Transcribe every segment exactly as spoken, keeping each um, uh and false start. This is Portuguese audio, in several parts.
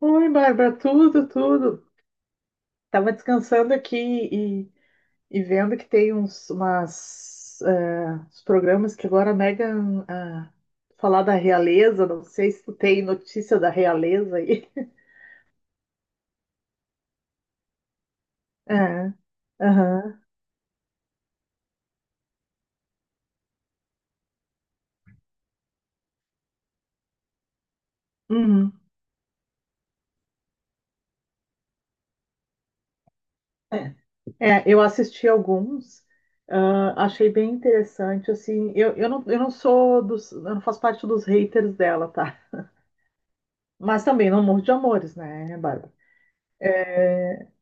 Oi, Bárbara, tudo, tudo. Tava descansando aqui e, e vendo que tem uns umas, eh, uns programas que agora Megan ah, falar da realeza, não sei se tu tem notícia da realeza aí. É, aham, uhum. É, é, eu assisti alguns, ah, achei bem interessante, assim, eu, eu não, eu não sou dos, eu não faço parte dos haters dela, tá? Mas também não morro de amores, né, Bárbara?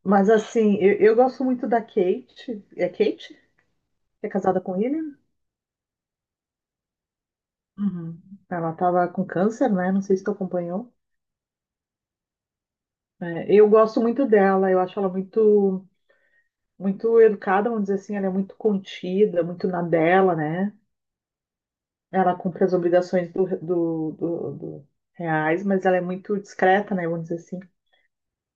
Mas assim, eu, eu gosto muito da Kate. É Kate? Que é casada com ele? Uhum. Ela tava com câncer, né? Não sei se tu acompanhou. É, eu gosto muito dela, eu acho ela muito, muito educada, vamos dizer assim, ela é muito contida, muito na dela, né? Ela cumpre as obrigações do, do, do- do reais, mas ela é muito discreta, né? Vamos dizer assim.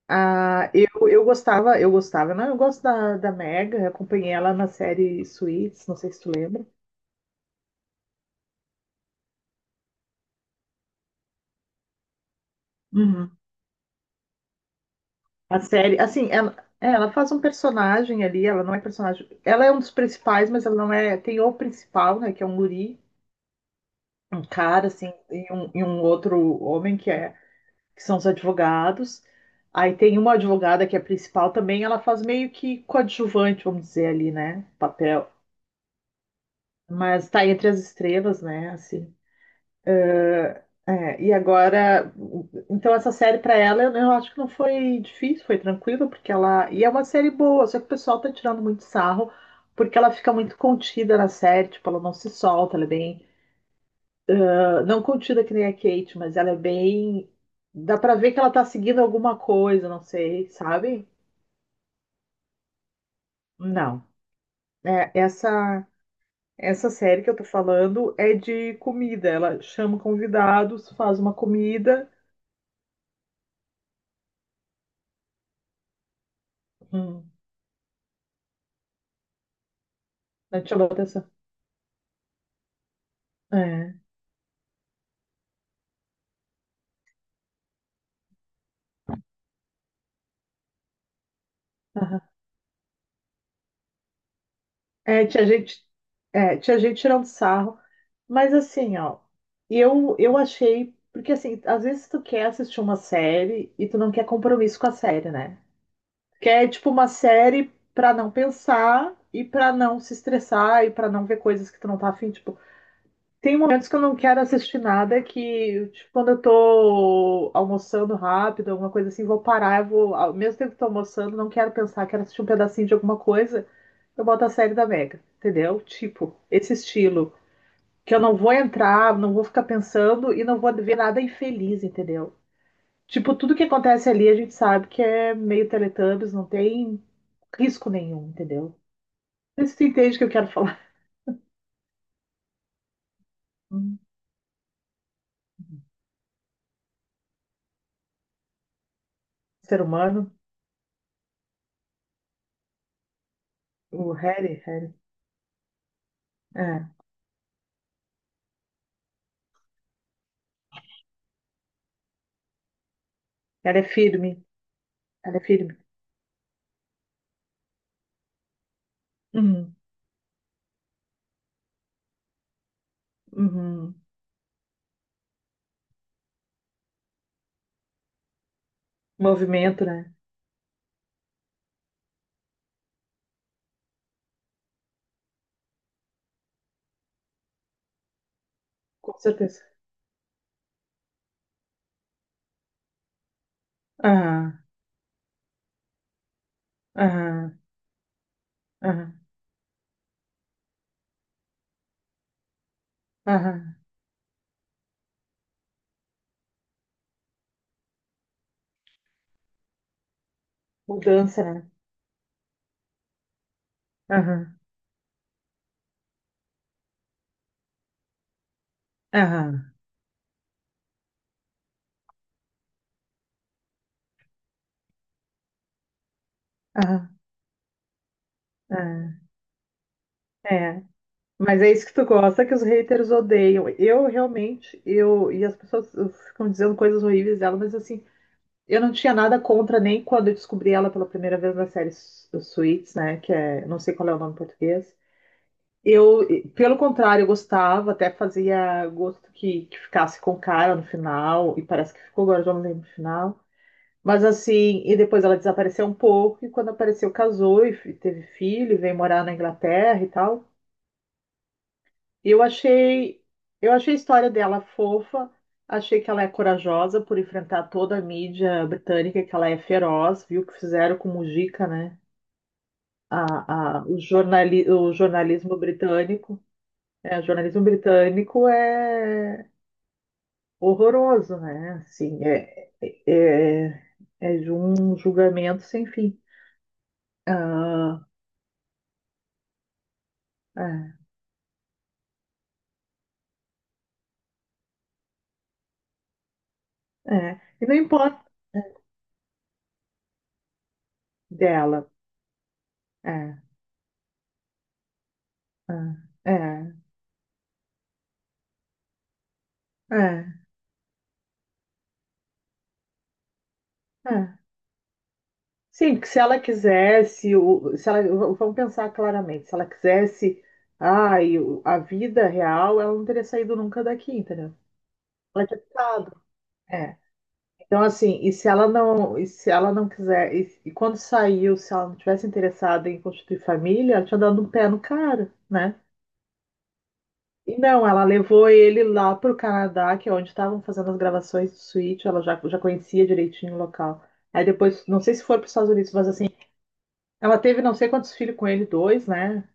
Ah, eu, eu gostava, eu gostava, não, eu gosto da, da Meg, eu acompanhei ela na série Suits, não sei se tu lembra. Uhum. A série, assim, ela, é, ela faz um personagem ali, ela não é personagem. Ela é um dos principais, mas ela não é. Tem o principal, né? Que é um guri, um cara, assim, e um, e um outro homem que é, que são os advogados. Aí tem uma advogada que é principal também, ela faz meio que coadjuvante, vamos dizer ali, né? Papel. Mas tá entre as estrelas, né? Assim. É, e agora, então essa série para ela, eu, eu acho que não foi difícil, foi tranquilo, porque ela, e é uma série boa, só que o pessoal tá tirando muito sarro, porque ela fica muito contida na série, tipo, ela não se solta, ela é bem, ah, não contida que nem a Kate, mas ela é bem, dá pra ver que ela tá seguindo alguma coisa, não sei, sabe? Não. É, essa essa série que eu tô falando é de comida, ela chama convidados, faz uma comida, hum, né, chamou a atenção. É. Aham. É, tinha gente, é, tinha gente tirando sarro, mas assim, ó, eu, eu achei, porque assim, às vezes tu quer assistir uma série e tu não quer compromisso com a série, né? Quer, tipo, uma série pra não pensar e pra não se estressar e pra não ver coisas que tu não tá afim, tipo, tem momentos que eu não quero assistir nada que, tipo, quando eu tô almoçando rápido, alguma coisa assim, vou parar, eu vou, ao mesmo tempo que tô almoçando, não quero pensar, quero assistir um pedacinho de alguma coisa, eu boto a série da Mega, entendeu? Tipo, esse estilo. Que eu não vou entrar, não vou ficar pensando e não vou ver nada infeliz, entendeu? Tipo, tudo que acontece ali a gente sabe que é meio Teletubbies, não tem risco nenhum, entendeu? Não sei se tu entende o que eu quero falar. Hum, ser humano, o Harry, Harry. É, ela é firme, ela é firme. Uhum, uhum. Movimento, né? Com certeza. Aham, aham, aham, aham. Mudança, né? Aham, aham, aham, aham. É, mas é isso que tu gosta, que os haters odeiam. Eu realmente, eu e as pessoas ficam dizendo coisas horríveis dela, mas assim, eu não tinha nada contra nem quando eu descobri ela pela primeira vez na série Su- Suits, né? Que é, não sei qual é o nome em português. Eu, pelo contrário, eu gostava, até fazia gosto que, que ficasse com o cara no final, e parece que ficou agora, eu já não lembro no final. Mas assim, e depois ela desapareceu um pouco, e quando apareceu, casou e fi- teve filho, e veio morar na Inglaterra e tal. Eu achei, eu achei a história dela fofa, achei que ela é corajosa por enfrentar toda a mídia britânica, que ela é feroz, viu o que fizeram com Mujica, né? A, a, o, jornali, o jornalismo britânico. É, o jornalismo britânico é horroroso, né? Assim, é, é, é é de um julgamento sem fim. Ah, é, é. E não importa dela. É, é, é, é, é. Sim, porque se ela quisesse, o- se ela, v- vamos pensar claramente, se ela quisesse, ai, o- a vida real, ela não teria saído nunca daqui, entendeu? Ela tinha ficado. É. Então, assim, e se ela não, e se ela não quiser, e, e quando saiu, se ela não tivesse interessada em constituir família, ela tinha dado um pé no cara, né? E não, ela levou ele lá pro Canadá, que é onde estavam fazendo as gravações do Switch, ela já, já conhecia direitinho o local. Aí depois, não sei se foi para os Estados Unidos, mas assim, ela teve não sei quantos filhos com ele, dois, né?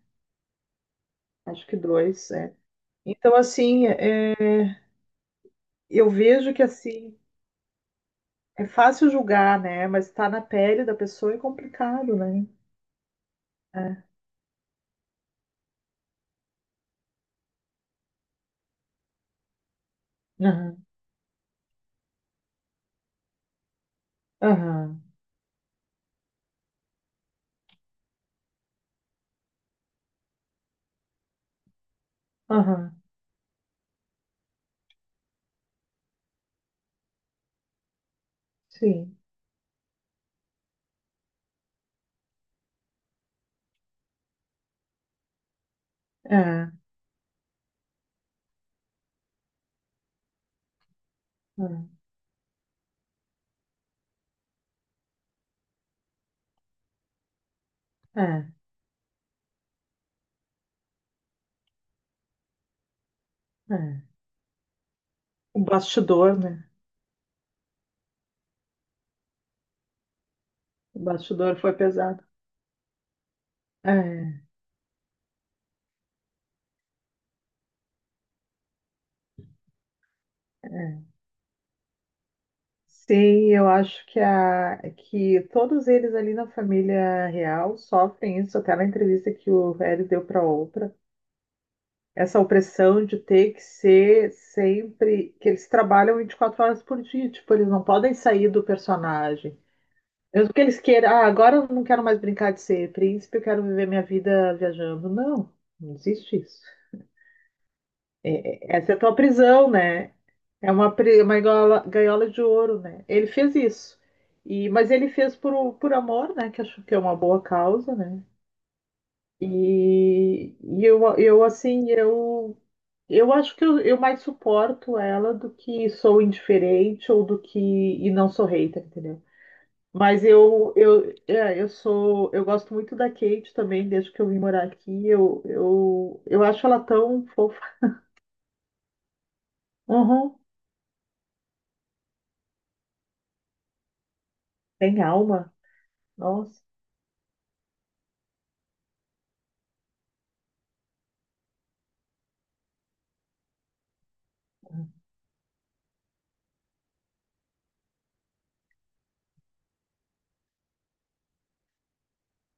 Acho que dois, é. Então, assim, é, é, eu vejo que, assim, é fácil julgar, né? Mas estar na pele da pessoa é complicado, né? É. Aham, aham, aham, sim. É, é, é, é. O bastidor, né? O bastidor foi pesado. É. É. Sim, eu acho que, a, que todos eles ali na família real sofrem isso. Até na entrevista que o Harry deu para Oprah. Essa opressão de ter que ser sempre que eles trabalham vinte e quatro horas por dia, tipo, eles não podem sair do personagem. Mesmo que eles queiram, ah, agora eu não quero mais brincar de ser príncipe, eu quero viver minha vida viajando. Não, não existe isso. Essa é a tua prisão, né? É uma, pri- uma gaiola, gaiola de ouro, né? Ele fez isso. E, mas ele fez por, por amor, né? Que acho que é uma boa causa, né? E, e eu, eu, assim, eu eu acho que eu, eu mais suporto ela do que sou indiferente ou do que e não sou hater, entendeu? Mas eu eu é, eu sou eu gosto muito da Kate também desde que eu vim morar aqui. Eu eu, eu acho ela tão fofa. Uhum, tem alma. Nossa,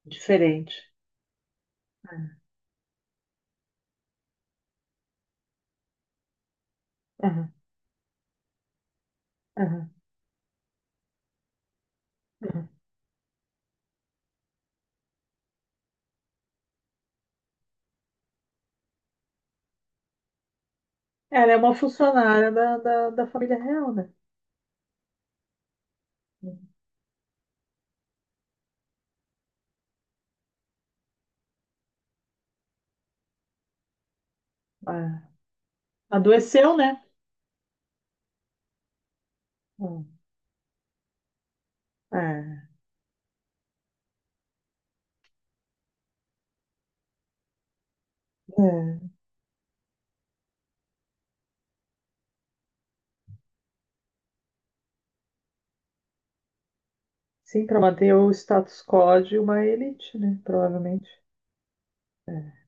diferente. É, uhum, uhum, uhum. Ela é uma funcionária da, da, da família real, né? Ah, adoeceu, né? Hum, é, é. Sim, para manter o status quo de uma elite, né? Provavelmente. É,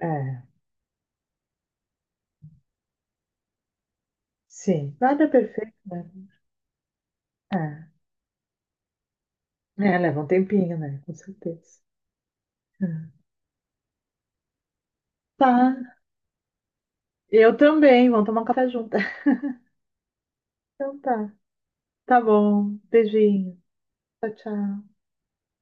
é. É. Sim. Nada é perfeito, né? É. É, leva um tempinho, né? Com certeza. É. Tá. Eu também. Vamos tomar um café junto. Então tá. Tá bom. Beijinho. Tchau, tchau.